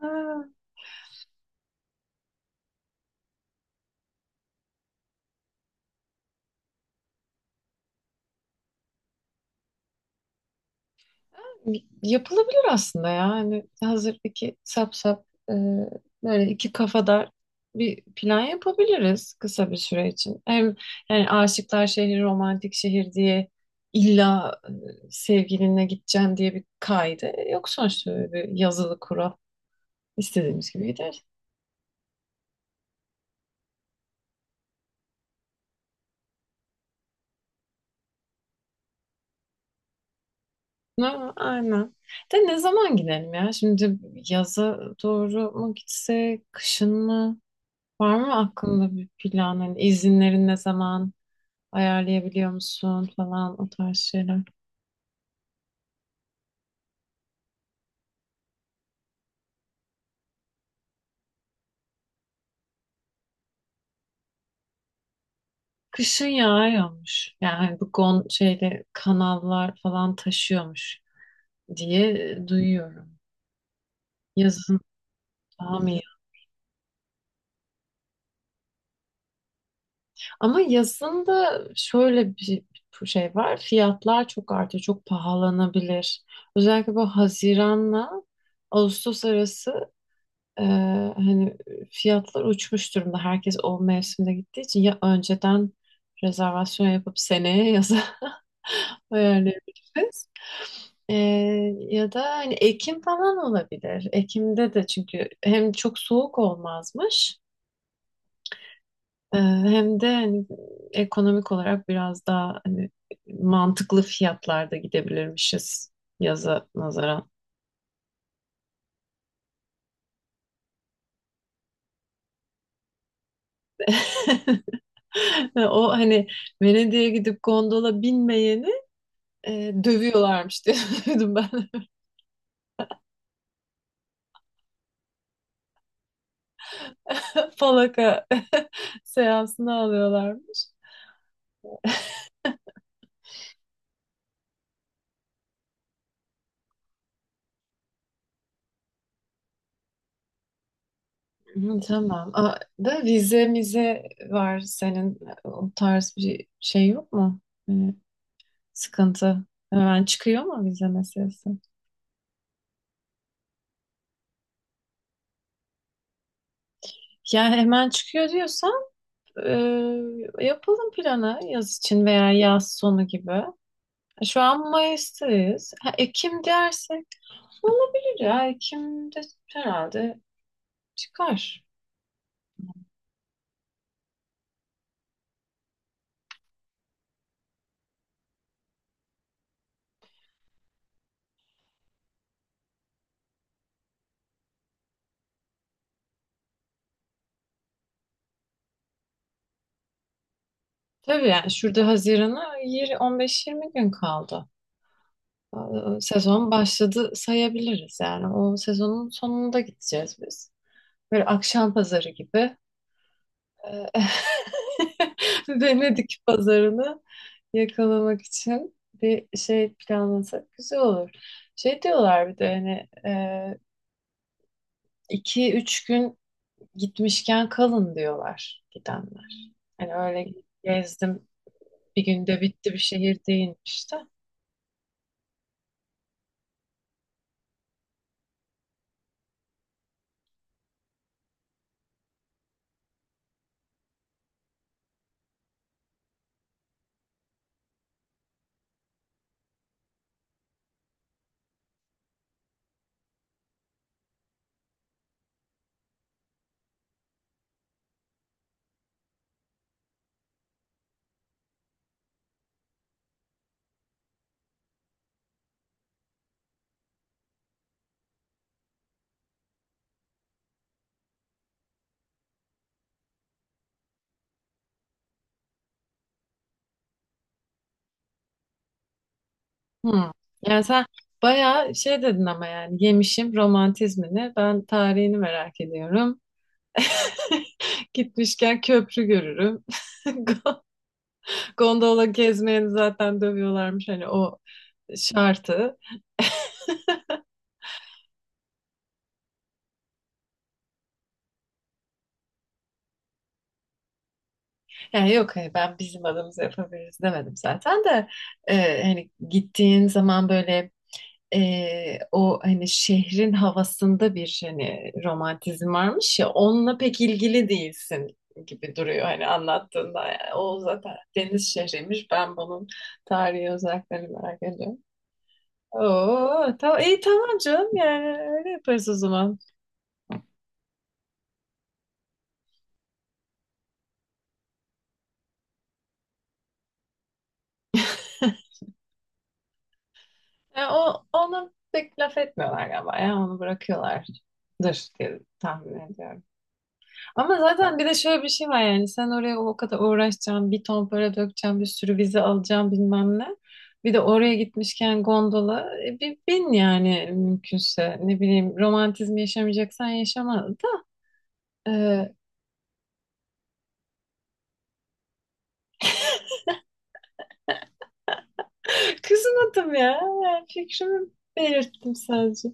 Ha, yapılabilir aslında ya. Hani hazır iki sap sap böyle iki kafadar bir plan yapabiliriz kısa bir süre için. Hem yani Aşıklar Şehri romantik şehir diye illa sevgilinle gideceğim diye bir kaydı yok sonuçta öyle bir yazılı kural. İstediğimiz gibi gideriz. Ha, aynen. De ne zaman gidelim ya? Şimdi yaza doğru mu gitsek, kışın mı? Var mı aklında bir plan? Hani izinlerin ne zaman ayarlayabiliyor musun falan o tarz şeyler. Kışın yağ yağmış. Yani hani bu gon şeyde kanallar falan taşıyormuş diye duyuyorum. Yazın daha mı? Ama yazında şöyle bir şey var. Fiyatlar çok artıyor, çok pahalanabilir. Özellikle bu Haziran'la Ağustos arası e, hani fiyatlar uçmuş durumda. Herkes o mevsimde gittiği için ya önceden rezervasyon yapıp seneye yaza ayarlayabiliriz. E, Ya da hani Ekim falan olabilir. Ekim'de de çünkü hem çok soğuk olmazmış. Hem de hani ekonomik olarak biraz daha hani mantıklı fiyatlarda gidebilirmişiz yaza nazaran. O hani Venedik'e gidip gondola binmeyeni dövüyorlarmış diye duydum ben. Falaka seansına alıyorlarmış. Hı, tamam. Aa, da vize mize var senin o tarz bir şey yok mu? Hani sıkıntı. Hemen çıkıyor mu vize meselesi? Yani hemen çıkıyor diyorsan e, yapalım planı yaz için veya yaz sonu gibi. Şu an Mayıs'tayız. Ha, Ekim dersek olabilir ya. Ekim'de herhalde çıkar. Tabii yani şurada Haziran'a 15-20 gün kaldı. Sezon başladı sayabiliriz yani. O sezonun sonunda gideceğiz biz. Böyle akşam pazarı gibi Ee, Venedik pazarını yakalamak için bir şey planlasak güzel olur. Şey diyorlar bir de hani iki üç gün gitmişken kalın diyorlar gidenler. Hani öyle gezdim bir günde bitti bir şehir değilmiş de. Hmm. Yani sen bayağı şey dedin ama yani yemişim romantizmini. Ben tarihini merak ediyorum. Gitmişken köprü görürüm. Go- Gondola gezmeyeni zaten dövüyorlarmış hani o şartı. Yani yok hani ben bizim adımıza yapabiliriz demedim zaten de hani gittiğin zaman böyle o hani şehrin havasında bir hani romantizm varmış ya onunla pek ilgili değilsin gibi duruyor hani anlattığında. Yani o zaten deniz şehriymiş. Ben bunun tarihi özelliklerini merak ediyorum. Oo, tamam, iyi tamam canım yani öyle yaparız o zaman. Yani o, ona pek laf etmiyorlar galiba ya onu bırakıyorlardır diye tahmin ediyorum. Ama zaten bir de şöyle bir şey var yani sen oraya o kadar uğraşacaksın, bir ton para dökeceksin, bir sürü vize alacaksın bilmem ne. Bir de oraya gitmişken gondola bir bin yani mümkünse ne bileyim romantizmi yaşamayacaksan yaşama da e, kızmadım ya yani fikrimi belirttim sadece.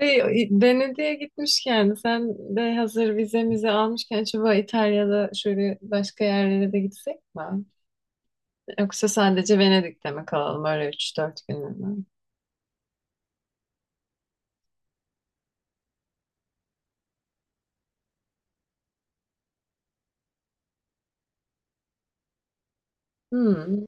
Ve Venedik'e gitmişken sen de hazır vizemizi almışken acaba İtalya'da şöyle başka yerlere de gitsek mi? Yoksa sadece Venedik'te mi kalalım öyle 3-4 günlüğüne? Hmm.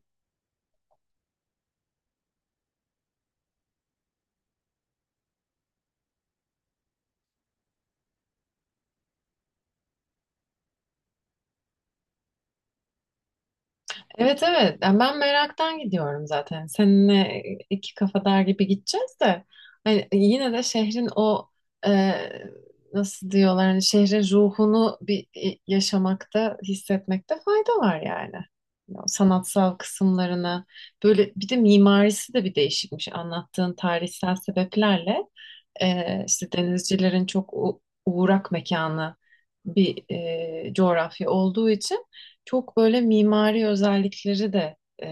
Evet, evet. Yani ben meraktan gidiyorum zaten. Seninle iki kafadar gibi gideceğiz de. Hani yine de şehrin o e, nasıl diyorlar hani şehrin ruhunu bir yaşamakta, hissetmekte fayda var yani. O sanatsal kısımlarına böyle bir de mimarisi de bir değişikmiş anlattığın tarihsel sebeplerle. İşte denizcilerin çok uğrak mekanı bir coğrafya olduğu için çok böyle mimari özellikleri de e,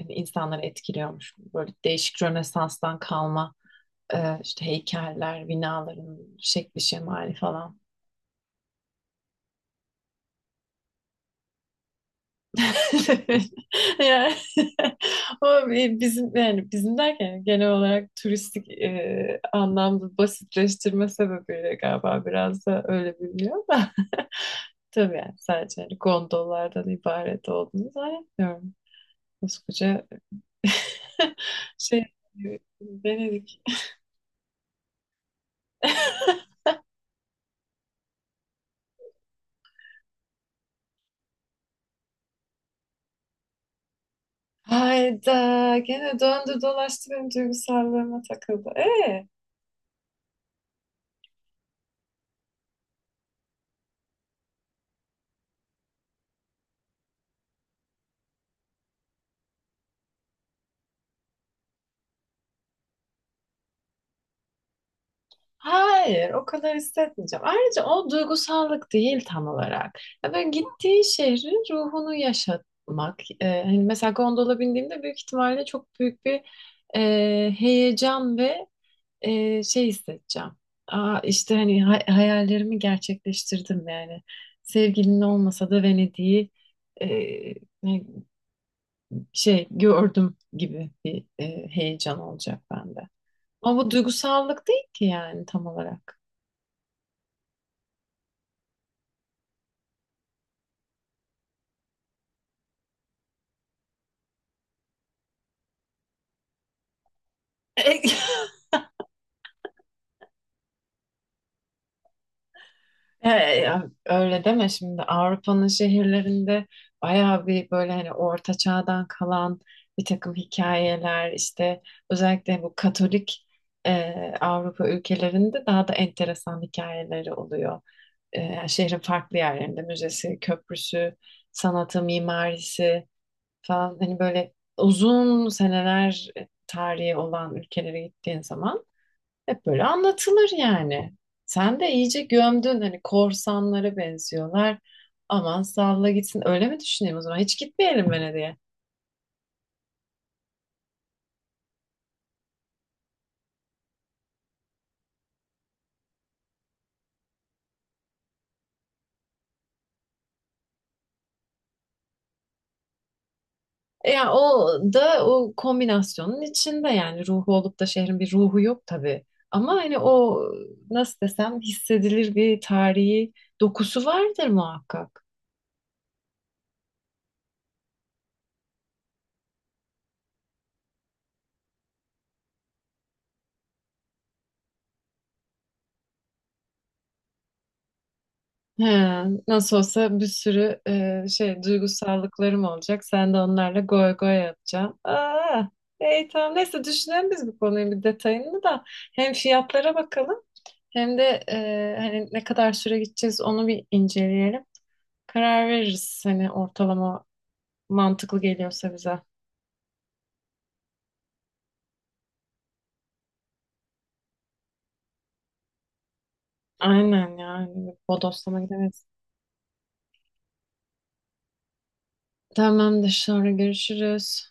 hani insanları etkiliyormuş. Böyle değişik Rönesans'tan kalma e, işte heykeller, binaların şekli şemali falan. Yani o bizim yani bizim derken genel olarak turistik anlamda basitleştirme sebebiyle galiba biraz da öyle biliniyor da. Tabii yani sadece hani gondollardan ibaret olduğunu zannetmiyorum. Koskoca şey Venedik. Hayda gene döndü dolaştı benim duygusallarıma takıldı. E, hayır, o kadar hissetmeyeceğim. Ayrıca o duygusallık değil tam olarak. Ya böyle gittiği şehrin ruhunu yaşatmak. Hani mesela gondola bindiğimde büyük ihtimalle çok büyük bir e, heyecan ve şey hissedeceğim. Aa, işte hani hayallerimi gerçekleştirdim yani. Sevgilin olmasa da Venedik'i e, ne- şey gördüm gibi bir heyecan olacak bende. Ama bu duygusallık değil ki yani tam olarak. Ya öyle deme şimdi Avrupa'nın şehirlerinde bayağı bir böyle hani orta çağdan kalan bir takım hikayeler işte özellikle bu Katolik e, Avrupa ülkelerinde daha da enteresan hikayeleri oluyor. Yani şehrin farklı yerlerinde müzesi, köprüsü, sanatı, mimarisi falan hani böyle uzun seneler tarihi olan ülkelere gittiğin zaman hep böyle anlatılır yani. Sen de iyice gömdün hani korsanlara benziyorlar. Aman salla gitsin. Öyle mi düşüneyim o zaman? Hiç gitmeyelim Venedik'e. Yani o da o kombinasyonun içinde yani ruhu olup da şehrin bir ruhu yok tabii. Ama hani o nasıl desem hissedilir bir tarihi dokusu vardır muhakkak. He, nasıl olsa bir sürü şey duygusallıklarım olacak. Sen de onlarla goy goy yapacaksın. Aa, iyi, tamam. Neyse düşünelim biz bu konuyu bir detayını da. Hem fiyatlara bakalım hem de hani ne kadar süre gideceğiz onu bir inceleyelim. Karar veririz hani ortalama mantıklı geliyorsa bize. Aynen yani bodoslama gidemeyiz. Tamamdır sonra görüşürüz.